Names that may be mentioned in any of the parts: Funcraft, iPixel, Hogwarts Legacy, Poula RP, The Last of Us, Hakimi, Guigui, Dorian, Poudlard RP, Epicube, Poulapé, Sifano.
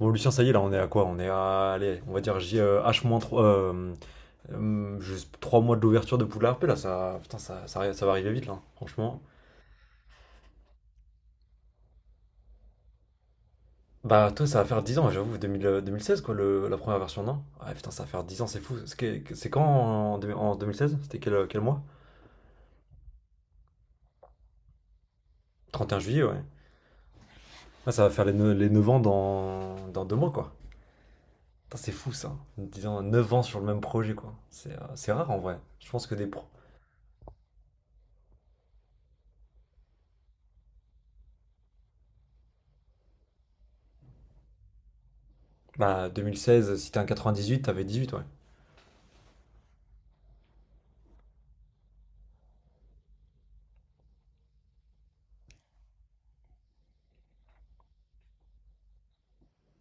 Bon, Lucien, ça y est, là, on est à quoi? On est à, allez, on va dire J, H-3, juste 3 mois de l'ouverture de Poudlard RP, là, ça, putain, ça va arriver vite, là, franchement. Bah, toi, ça va faire 10 ans, j'avoue, 2016 quoi, la première version, non? Ah, putain, ça va faire 10 ans, c'est fou. C'est quand en 2016. C'était quel mois? 31 juillet, ouais. Ah, ça va faire les 9 ans dans 2 mois, quoi. Putain, c'est fou, ça. 10 ans, 9 ans sur le même projet, quoi. C'est rare, en vrai. Je pense que des pros. Bah, 2016, si t'es un huit, t'avais 18, ouais.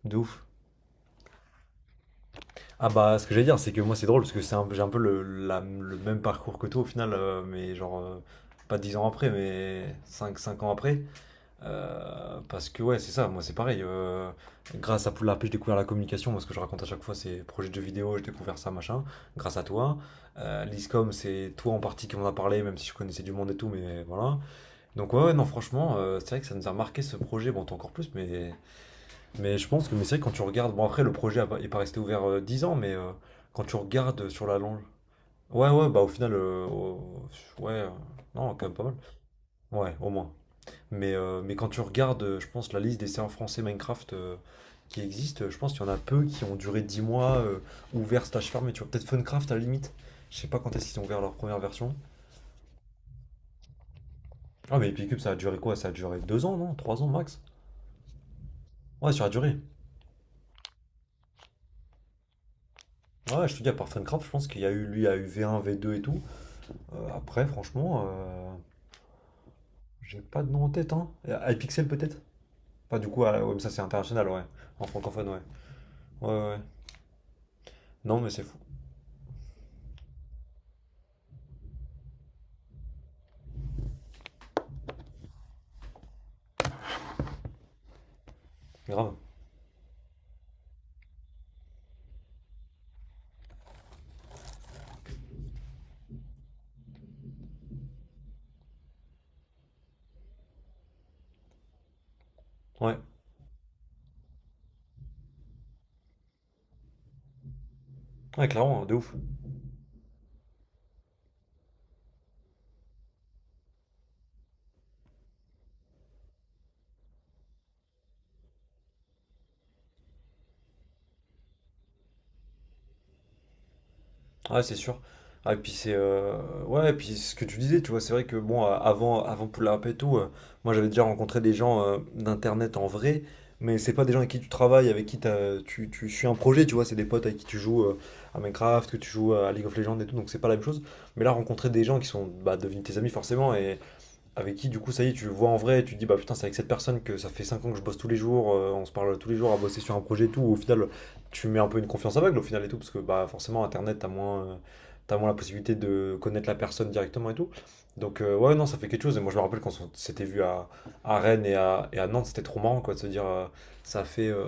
De ouf. Ah, bah ce que j'allais dire, c'est que moi c'est drôle parce que j'ai un peu le même parcours que toi au final, mais genre pas 10 ans après, mais cinq ans après. Parce que ouais, c'est ça, moi c'est pareil. Grâce à Poulapé, j'ai découvert la communication, moi ce que je raconte à chaque fois c'est projet de jeux vidéo, j'ai découvert ça, machin, grâce à toi. L'ISCOM, c'est toi en partie qui m'en a parlé, même si je connaissais du monde et tout, mais voilà. Donc ouais, ouais, non, franchement, c'est vrai que ça nous a marqué ce projet, bon toi encore plus, mais je pense que mais c'est vrai que quand tu regardes, bon après le projet a pas- est pas resté ouvert 10 ans, mais quand tu regardes sur la longue. Ouais, ouais, bah au final, ouais, non, quand même, pas mal. Ouais, au moins. Mais quand tu regardes, je pense, la liste des serveurs français Minecraft qui existent, je pense qu'il y en a peu qui ont duré 10 mois ouverts slash fermés. Tu vois, peut-être Funcraft à la limite. Je sais pas quand est-ce qu'ils ont ouvert leur première version. Ah, mais Epicube, ça a duré quoi? Ça a duré 2 ans, non? 3 ans max? Ouais, ça a duré. Ouais, je te dis, à part Funcraft, je pense qu'il y a eu lui, il y a eu v un v deux et tout. Après, franchement, j'ai pas de nom en tête, hein. iPixel peut-être? Pas du coup, ah, ouais, mais ça c'est international, ouais. En francophone, ouais. Ouais, ouais. Ouais. Non, mais c'est fou. Grave. Ouais. Ouais, clairement, de ouf. Ah, c'est sûr. Ah, et puis c'est ouais, et puis ce que tu disais, tu vois, c'est vrai que bon, avant, avant Poula Rap et tout, moi j'avais déjà rencontré des gens d'internet en vrai, mais c'est pas des gens avec qui tu travailles, avec qui tu, tu suis un projet, tu vois, c'est des potes avec qui tu joues à Minecraft, que tu joues à League of Legends et tout, donc c'est pas la même chose. Mais là, rencontrer des gens qui sont, bah, devenus tes amis forcément, et avec qui, du coup, ça y est, tu le vois en vrai, et tu te dis, bah putain, c'est avec cette personne que ça fait 5 ans que je bosse tous les jours, on se parle tous les jours à bosser sur un projet et tout. Au final, tu mets un peu une confiance aveugle, au final et tout, parce que bah forcément, Internet, t'as moins la possibilité de connaître la personne directement et tout. Donc, ouais, non, ça fait quelque chose. Et moi, je me rappelle quand on s'était vu à Rennes et à Nantes, c'était trop marrant, quoi, de se dire, ça fait, euh,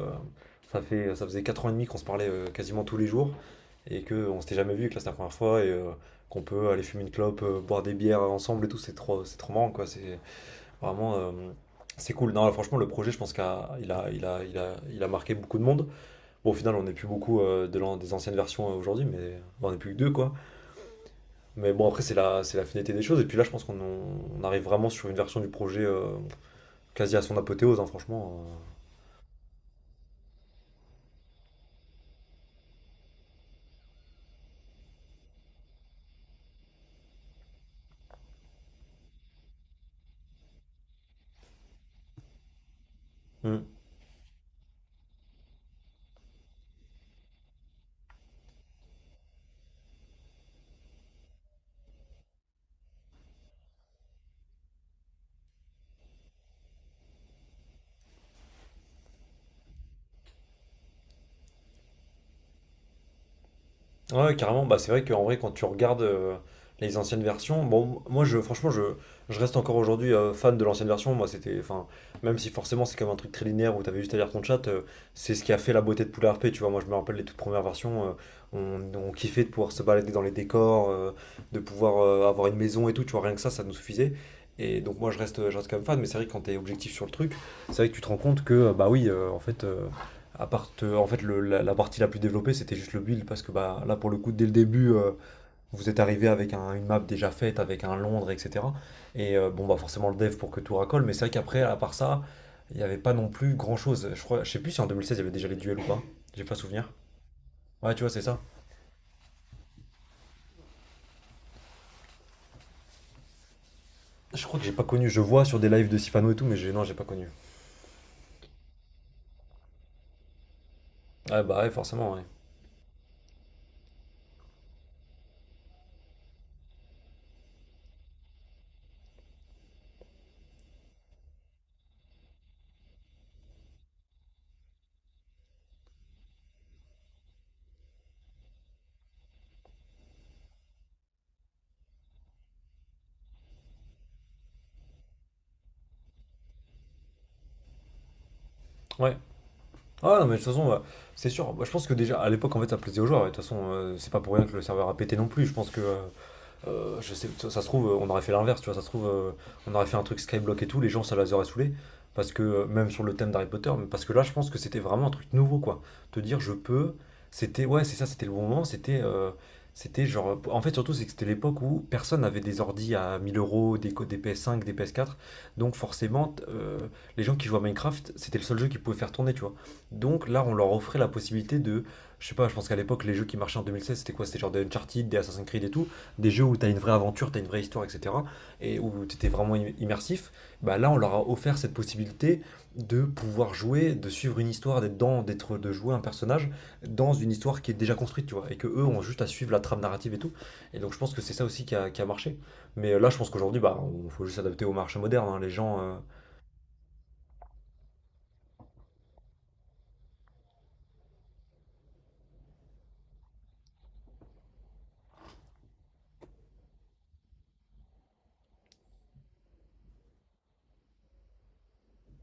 ça fait, ça faisait 4 ans et demi qu'on se parlait quasiment tous les jours et qu'on s'était jamais vu, et que là, c'était la première fois. Et, qu'on peut aller fumer une clope, boire des bières ensemble et tout, c'est trop marrant, quoi. C'est vraiment, c'est cool. Non, franchement, le projet, je pense qu'il a marqué beaucoup de monde. Bon, au final, on n'est plus beaucoup des anciennes versions aujourd'hui, mais on n'est plus que deux, quoi. Mais bon, après, c'est la finalité des choses. Et puis là, je pense qu'on arrive vraiment sur une version du projet quasi à son apothéose, hein, franchement. Hmm. Ouais, carrément, bah, c'est vrai qu'en vrai, quand tu regardes les anciennes versions, bon, moi, je, franchement, je reste encore aujourd'hui fan de l'ancienne version. Moi, c'était, enfin, même si forcément c'est comme un truc très linéaire où t'avais juste à lire ton chat, c'est ce qui a fait la beauté de Poula R P. Tu vois, moi, je me rappelle les toutes premières versions, on kiffait de pouvoir se balader dans les décors, de pouvoir avoir une maison et tout. Tu vois, rien que ça nous suffisait. Et donc, moi, je reste quand même fan, mais c'est vrai que quand t'es objectif sur le truc, c'est vrai que tu te rends compte que, bah oui, en fait. En fait, la, la partie la plus développée, c'était juste le build, parce que bah, là, pour le coup, dès le début, vous êtes arrivé avec une map déjà faite, avec un Londres, etc. Et bon, bah, forcément, le dev pour que tout racole, mais c'est vrai qu'après, à part ça, il n'y avait pas non plus grand-chose. Je crois, je sais plus si en 2016, il y avait déjà les duels ou pas. J'ai pas souvenir. Ouais, tu vois, c'est ça. Je crois que j'ai pas connu. Je vois sur des lives de Sifano et tout, mais non, j'ai pas connu. Ouais, bah, ouais, forcément, ouais. Ouais. Ah non, mais de toute façon, bah, c'est sûr. Bah, je pense que déjà, à l'époque, en fait, ça plaisait aux joueurs. Ouais. De toute façon, c'est pas pour rien que le serveur a pété non plus. Je pense que. Je sais, ça se trouve, on aurait fait l'inverse, tu vois, ça se trouve, on aurait fait un truc Skyblock et tout, les gens, ça les aurait saoulés, parce que, même sur le thème d'Harry Potter, mais parce que là, je pense que c'était vraiment un truc nouveau, quoi. Te dire, je peux, c'était, ouais, c'est ça, c'était le bon moment, c'était, c'était genre, en fait, surtout, c'est que c'était l'époque où personne n'avait des ordis à 1000 euros, des, des PS5, des PS4, donc forcément, les gens qui jouaient à Minecraft, c'était le seul jeu qu'ils pouvaient faire tourner, tu vois. Donc là, on leur offrait la possibilité de, je sais pas, je pense qu'à l'époque, les jeux qui marchaient en 2016, c'était quoi? C'était genre des Uncharted, des Assassin's Creed et tout, des jeux où tu as une vraie aventure, tu as une vraie histoire, etc., et où tu étais vraiment immersif, bah là, on leur a offert cette possibilité de pouvoir jouer, de suivre une histoire, d'être, de jouer un personnage dans une histoire qui est déjà construite, tu vois, et que eux ont juste à suivre la trame narrative et tout. Et donc, je pense que c'est ça aussi qui a marché. Mais là, je pense qu'aujourd'hui, bah, on faut juste s'adapter au marché moderne, hein, les gens.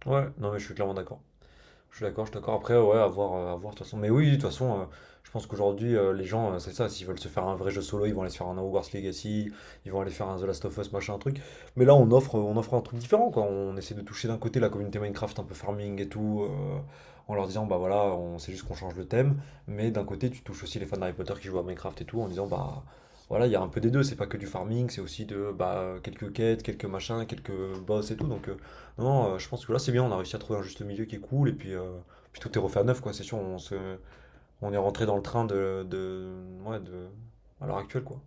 Ouais, non, mais je suis clairement d'accord. Je suis d'accord, je suis d'accord. Après, ouais, à voir, de toute façon. Mais oui, de toute façon, je pense qu'aujourd'hui, les gens, c'est ça, s'ils veulent se faire un vrai jeu solo, ils vont aller se faire un Hogwarts Legacy, ils vont aller faire un The Last of Us, machin, un truc. Mais là, on offre un truc différent, quoi. On essaie de toucher d'un côté la communauté Minecraft, un peu farming et tout, en leur disant, bah voilà, on c'est juste qu'on change le thème. Mais d'un côté, tu touches aussi les fans d'Harry Potter qui jouent à Minecraft et tout, en disant, bah voilà, il y a un peu des deux, c'est pas que du farming, c'est aussi de, bah, quelques quêtes, quelques machins, quelques boss et tout. Donc, non, je pense que là c'est bien, on a réussi à trouver un juste milieu qui est cool et puis, puis tout est refait à neuf quoi, c'est sûr, on se, on est rentré dans le train de, ouais, de, à l'heure actuelle quoi.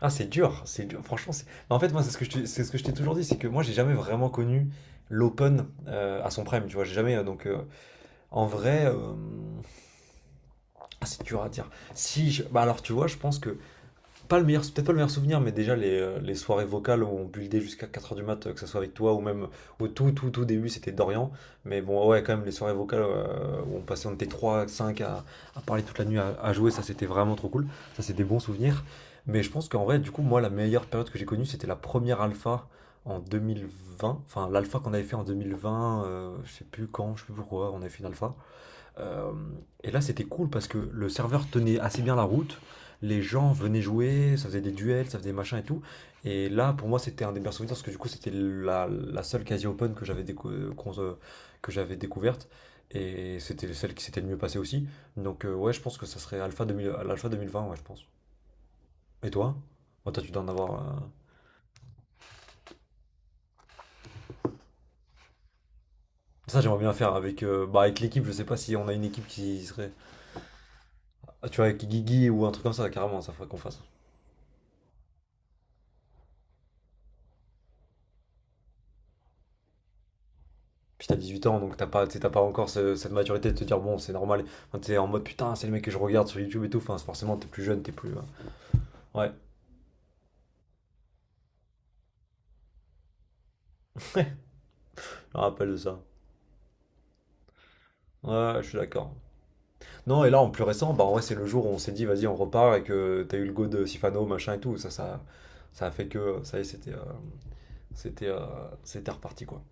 Ah, c'est dur, franchement c'est. Mais en fait moi c'est ce que je t'ai toujours dit, c'est que moi j'ai jamais vraiment connu l'open à son prime, tu vois, j'ai jamais, donc, en vrai, ah, c'est dur à dire. Si bah alors tu vois, je pense que. Pas le meilleur, c'est peut-être pas le meilleur souvenir, mais déjà les soirées vocales où on buildait jusqu'à 4 heures du mat, que ce soit avec toi ou même au tout début, c'était Dorian. Mais bon, ouais, quand même, les soirées vocales où on passait, on était 3 5 à parler toute la nuit, à jouer, ça c'était vraiment trop cool. Ça, c'est des bons souvenirs. Mais je pense qu'en vrai, du coup, moi, la meilleure période que j'ai connue, c'était la première alpha en 2020. Enfin, l'alpha qu'on avait fait en 2020, je sais plus quand, je sais plus pourquoi, on avait fait une alpha. Euh, et là, c'était cool parce que le serveur tenait assez bien la route. Les gens venaient jouer, ça faisait des duels, ça faisait des machins et tout. Et là, pour moi, c'était un des meilleurs souvenirs parce que du coup, c'était la, la seule quasi open que j'avais décou- qu'on se- que j'avais découverte. Et c'était celle qui s'était le mieux passée aussi. Donc, ouais, je pense que ça serait Alpha 2000, l'Alpha 2020. Ouais, je pense. Et toi? Bon, toi, tu dois en avoir. Ça, j'aimerais bien faire avec, bah, avec l'équipe. Je sais pas si on a une équipe qui serait. Ah, tu vois, avec Guigui ou un truc comme ça, carrément, ça faudrait qu'on fasse. Puis t'as 18 ans, donc t'as pas, t'sais, t'as pas encore cette maturité de te dire, bon, c'est normal. Enfin, t'es en mode, putain, c'est le mec que je regarde sur YouTube et tout. Enfin, c'est- forcément, t'es plus jeune, t'es plus. Ouais, je me rappelle de ça. Ouais, je suis d'accord. Non, et là, en plus récent, bah, en vrai, c'est le jour où on s'est dit, vas-y, on repart et que t'as eu le go de Sifano, machin et tout. Ça a fait que, ça y est, c'était, c'était, c'était reparti, quoi.